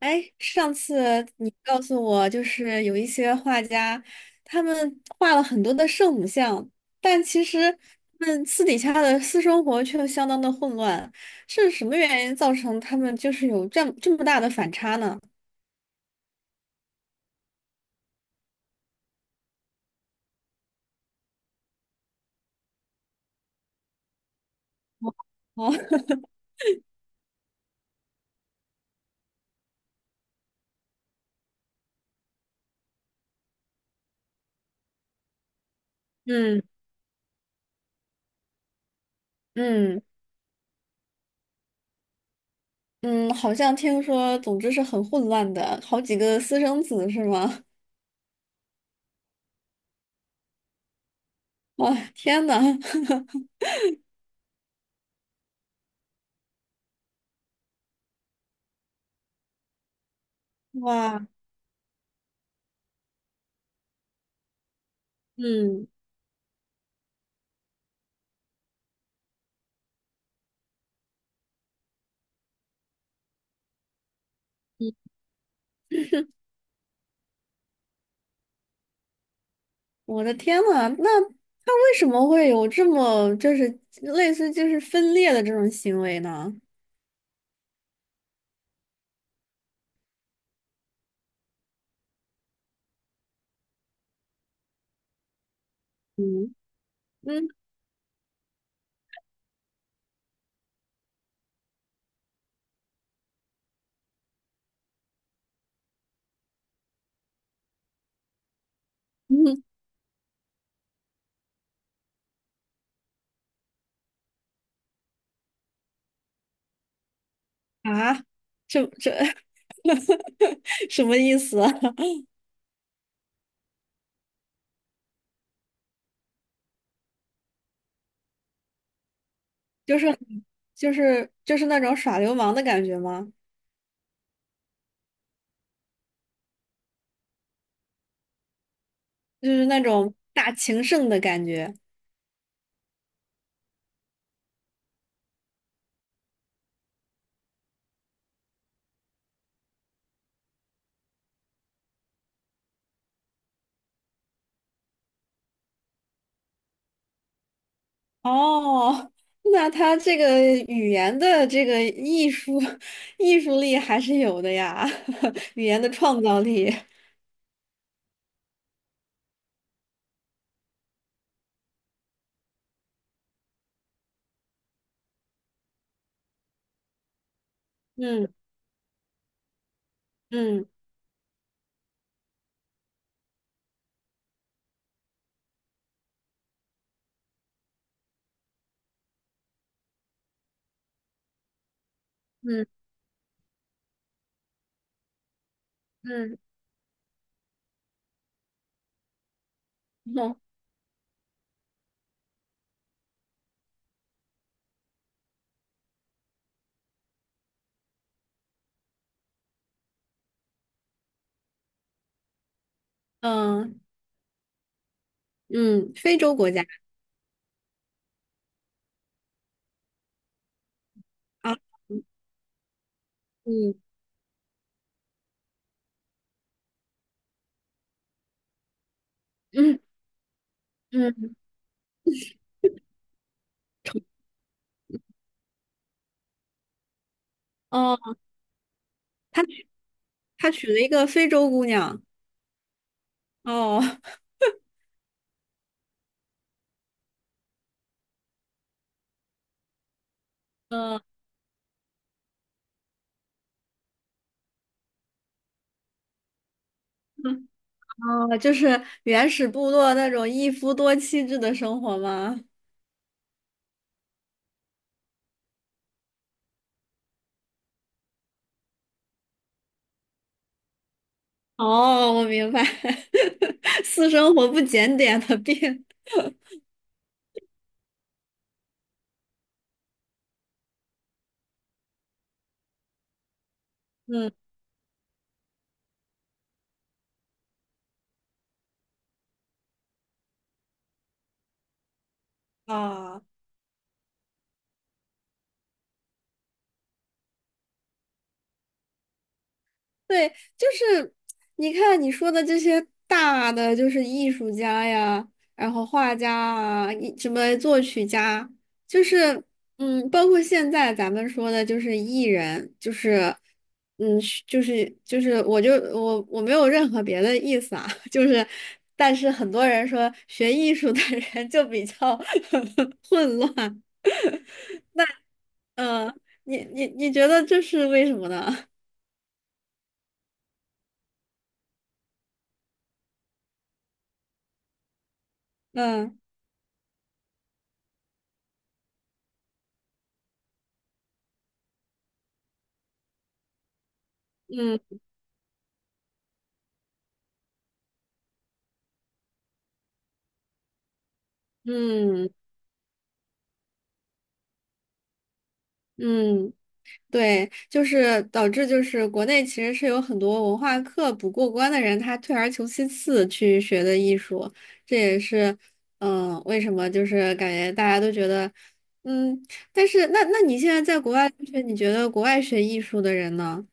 哎，上次你告诉我，就是有一些画家，他们画了很多的圣母像，但其实他们私底下的私生活却相当的混乱，是什么原因造成他们就是有这么大的反差呢？哦，嗯嗯嗯，好像听说，总之是很混乱的，好几个私生子是吗？哇，天呐！哇，嗯。我的天呐，那他为什么会有这么就是类似就是分裂的这种行为呢？嗯嗯嗯啊，这 什么意思啊？就是那种耍流氓的感觉吗？就是那种大情圣的感觉。哦，那他这个语言的这个艺术 艺术力还是有的呀，语言的创造力。嗯嗯嗯嗯，嗯嗯，非洲国家啊，嗯嗯嗯，哦，他他娶了一个非洲姑娘，哦 哦，就是原始部落那种一夫多妻制的生活吗？哦，我明白，私生活不检点的病，嗯啊。对，就是你看你说的这些大的，就是艺术家呀，然后画家啊，一什么作曲家，就是嗯，包括现在咱们说的，就是艺人，就是嗯，就是，我就我没有任何别的意思啊，就是，但是很多人说学艺术的人就比较 混乱，嗯，你觉得这是为什么呢？嗯嗯嗯。嗯，对，就是导致就是国内其实是有很多文化课不过关的人，他退而求其次去学的艺术，这也是嗯为什么就是感觉大家都觉得嗯，但是那你现在在国外留学，你觉得国外学艺术的人呢？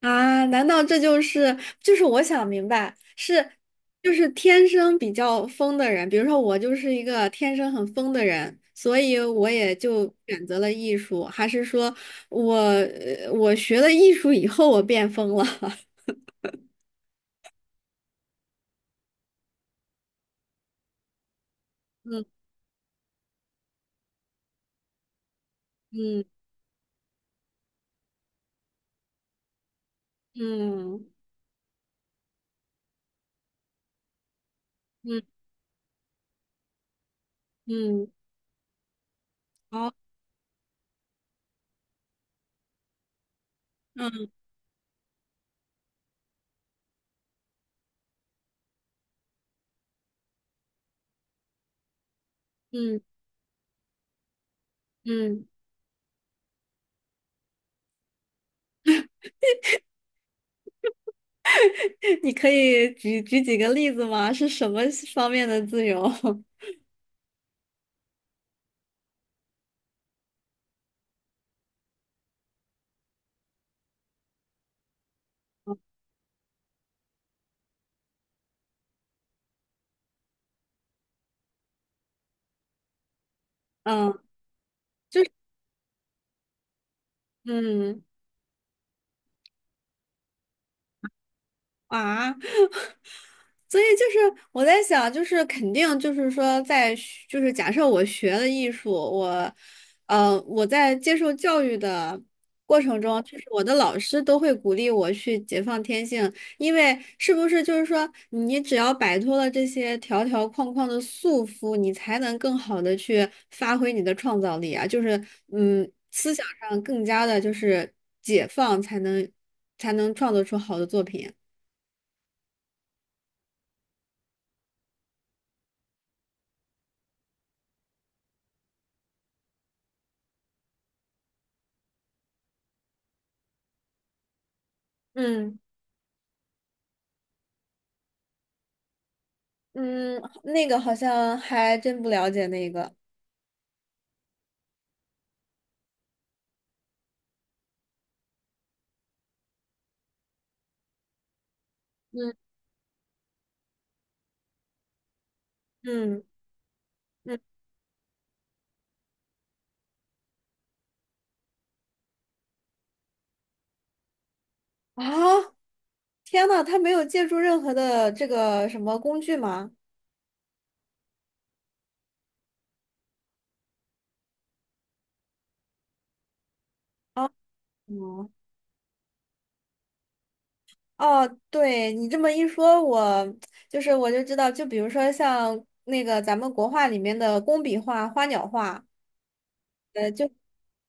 啊，难道这就是我想明白是就是天生比较疯的人，比如说我就是一个天生很疯的人，所以我也就选择了艺术，还是说我学了艺术以后我变疯了？嗯嗯嗯嗯嗯，好，嗯嗯，你可以举举几个例子吗？是什么方面的自由？嗯嗯啊。所以就是我在想，就是肯定就是说在学就是假设我学了艺术，我，我在接受教育的过程中，就是我的老师都会鼓励我去解放天性，因为是不是就是说你只要摆脱了这些条条框框的束缚，你才能更好的去发挥你的创造力啊，就是嗯，思想上更加的就是解放，才能创作出好的作品。嗯。嗯，那个好像还真不了解那个。嗯嗯嗯啊！天呐，他没有借助任何的这个什么工具吗？啊，嗯，哦，对你这么一说，我就知道，就比如说像那个咱们国画里面的工笔画、花鸟画，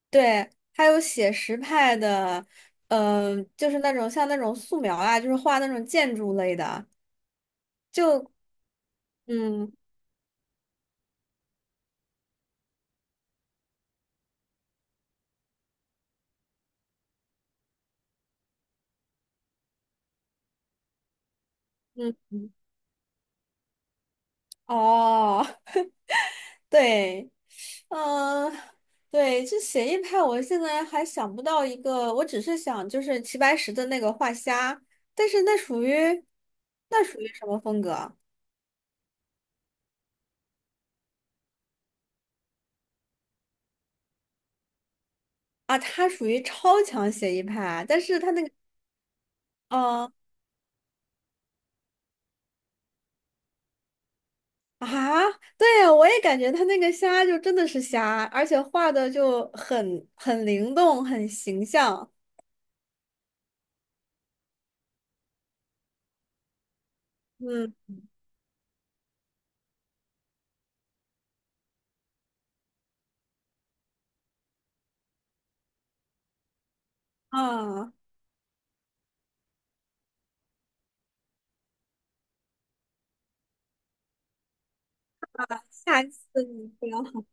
对，还有写实派的，就是那种像那种素描啊，就是画那种建筑类的，就嗯嗯，哦，对。嗯，对，这写意派，我现在还想不到一个，我只是想就是齐白石的那个画虾，但是那属于什么风格啊？啊他属于超强写意派，但是他那个，呃，啊，对，我也感觉他那个虾就真的是虾，而且画的就很灵动，很形象。嗯啊，下次你不要。